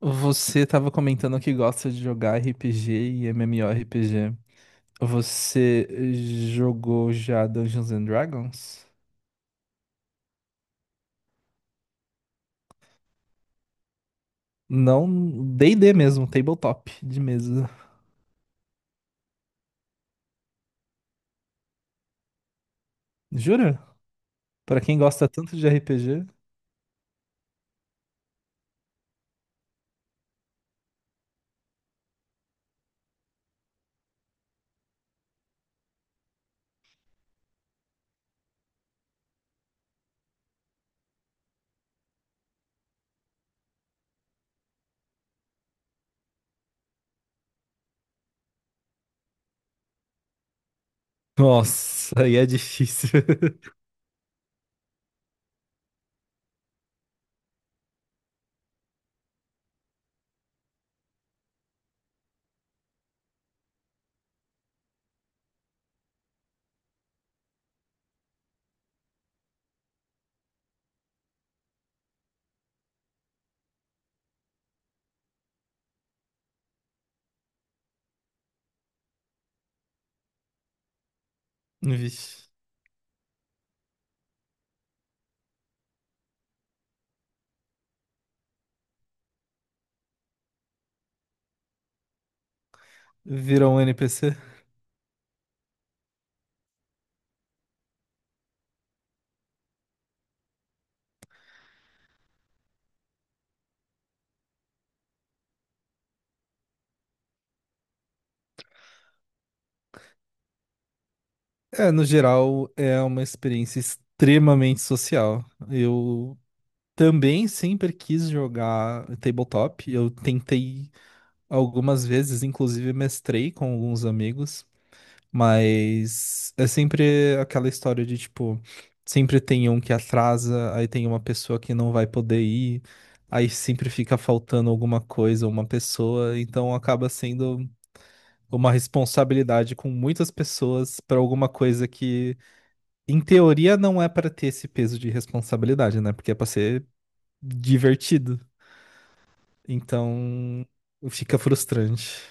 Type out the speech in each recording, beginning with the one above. Você estava comentando que gosta de jogar RPG e MMORPG. Você jogou já Dungeons and Dragons? Não, D&D mesmo, tabletop de mesa. Jura? Pra quem gosta tanto de RPG? Nossa, aí é difícil. Vixe. Virou um NPC? É, no geral, é uma experiência extremamente social. Eu também sempre quis jogar tabletop. Eu tentei algumas vezes, inclusive, mestrei com alguns amigos, mas é sempre aquela história de tipo, sempre tem um que atrasa, aí tem uma pessoa que não vai poder ir, aí sempre fica faltando alguma coisa, uma pessoa, então acaba sendo uma responsabilidade com muitas pessoas para alguma coisa que, em teoria, não é para ter esse peso de responsabilidade, né? Porque é para ser divertido. Então, fica frustrante.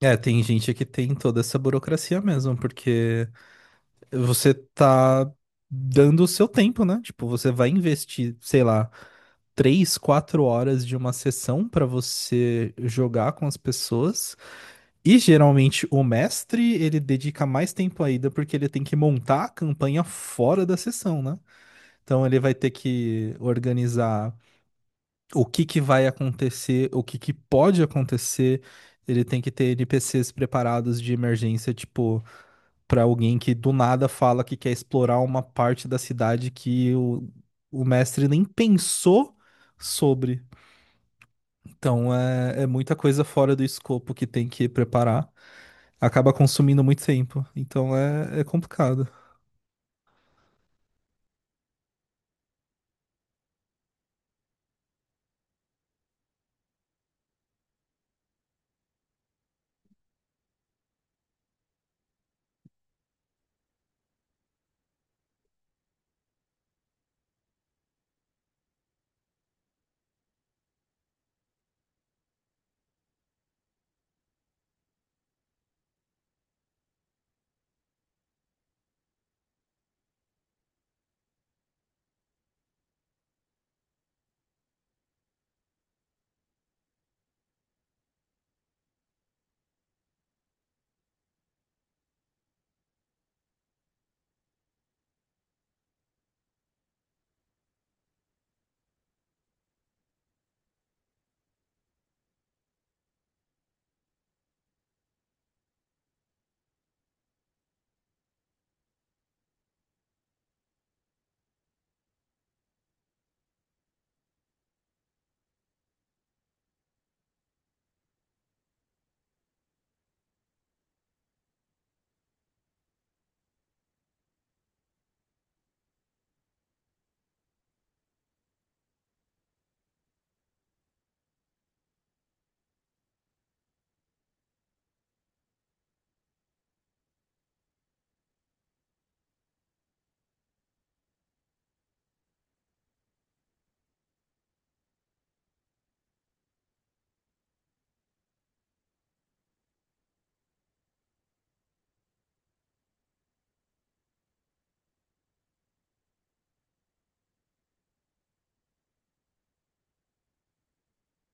É, tem gente que tem toda essa burocracia mesmo, porque você tá dando o seu tempo, né? Tipo, você vai investir, sei lá, três, quatro horas de uma sessão pra você jogar com as pessoas. E geralmente o mestre, ele dedica mais tempo ainda, porque ele tem que montar a campanha fora da sessão, né? Então ele vai ter que organizar o que que vai acontecer, o que que pode acontecer. Ele tem que ter NPCs preparados de emergência, tipo, para alguém que do nada fala que quer explorar uma parte da cidade que o mestre nem pensou sobre. Então é muita coisa fora do escopo que tem que preparar. Acaba consumindo muito tempo. Então é complicado.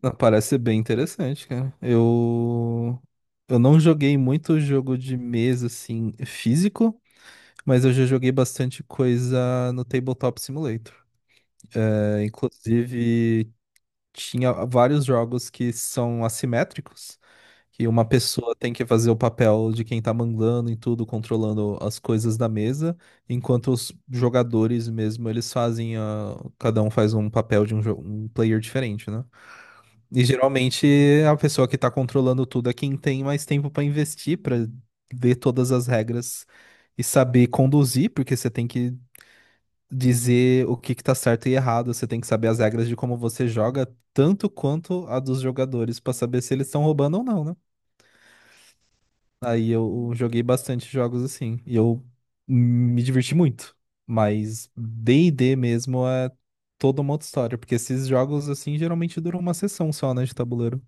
Não, parece ser bem interessante, cara. Eu. Eu não joguei muito jogo de mesa, assim, físico, mas eu já joguei bastante coisa no Tabletop Simulator. É, inclusive, tinha vários jogos que são assimétricos, que uma pessoa tem que fazer o papel de quem tá mandando em tudo, controlando as coisas da mesa, enquanto os jogadores mesmo, eles fazem a cada um faz um papel de um, um player diferente, né? E geralmente a pessoa que tá controlando tudo é quem tem mais tempo pra investir, pra ler todas as regras e saber conduzir, porque você tem que dizer o que que tá certo e errado. Você tem que saber as regras de como você joga, tanto quanto a dos jogadores, pra saber se eles estão roubando ou não, né? Aí eu joguei bastante jogos assim, e eu me diverti muito. Mas D&D mesmo é toda uma outra história, porque esses jogos assim geralmente duram uma sessão só, né, de tabuleiro.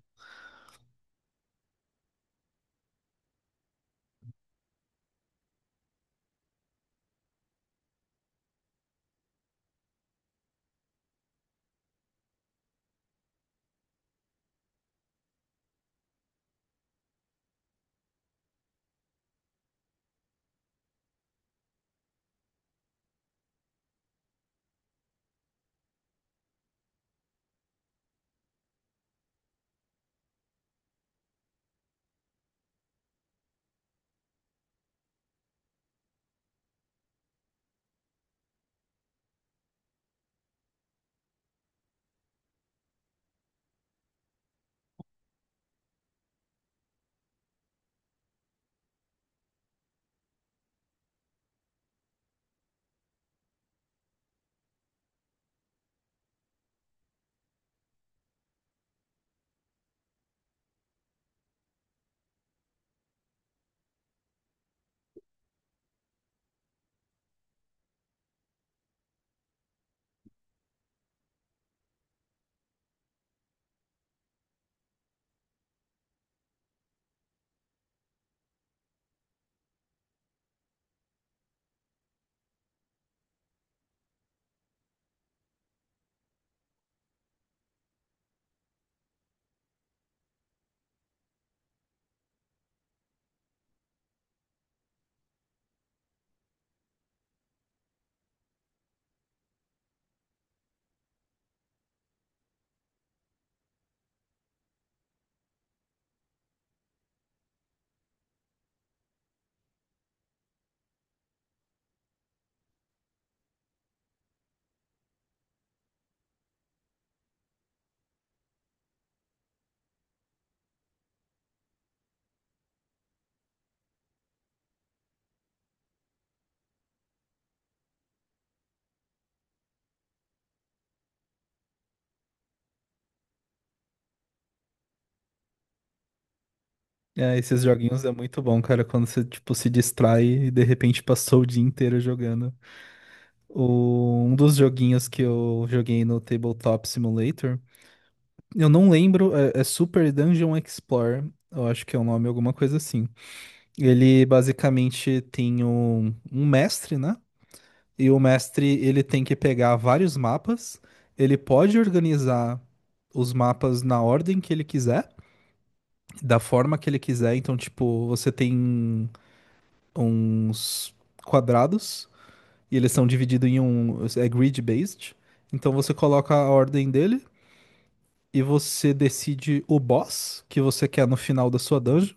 É, esses joguinhos é muito bom, cara, quando você, tipo, se distrai e de repente passou o dia inteiro jogando. Um dos joguinhos que eu joguei no Tabletop Simulator, eu não lembro, é Super Dungeon Explorer, eu acho que é o nome, alguma coisa assim. Ele basicamente tem um mestre, né? E o mestre ele tem que pegar vários mapas, ele pode organizar os mapas na ordem que ele quiser, da forma que ele quiser. Então, tipo, você tem uns quadrados. E eles são divididos em um. É grid-based. Então você coloca a ordem dele e você decide o boss que você quer no final da sua dungeon.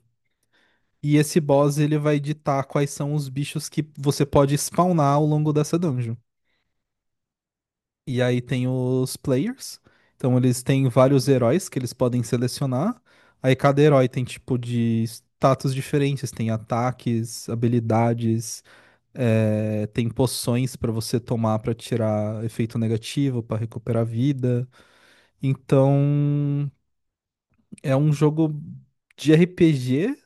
E esse boss ele vai ditar quais são os bichos que você pode spawnar ao longo dessa dungeon. E aí tem os players. Então eles têm vários heróis que eles podem selecionar. Aí cada herói tem tipo de status diferentes, tem ataques, habilidades. É, tem poções para você tomar para tirar efeito negativo, para recuperar vida. Então, é um jogo de RPG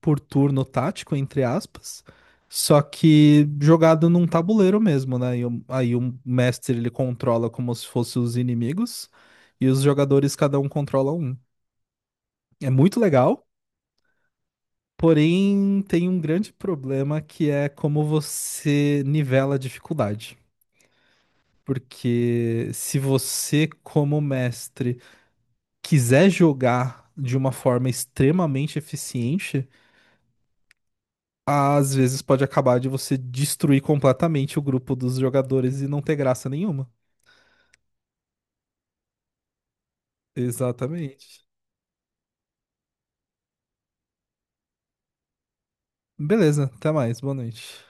por turno tático, entre aspas, só que jogado num tabuleiro mesmo, né? Aí o mestre ele controla como se fossem os inimigos e os jogadores cada um controla um. É muito legal, porém tem um grande problema que é como você nivela a dificuldade. Porque se você, como mestre, quiser jogar de uma forma extremamente eficiente, às vezes pode acabar de você destruir completamente o grupo dos jogadores e não ter graça nenhuma. Exatamente. Beleza, até mais, boa noite.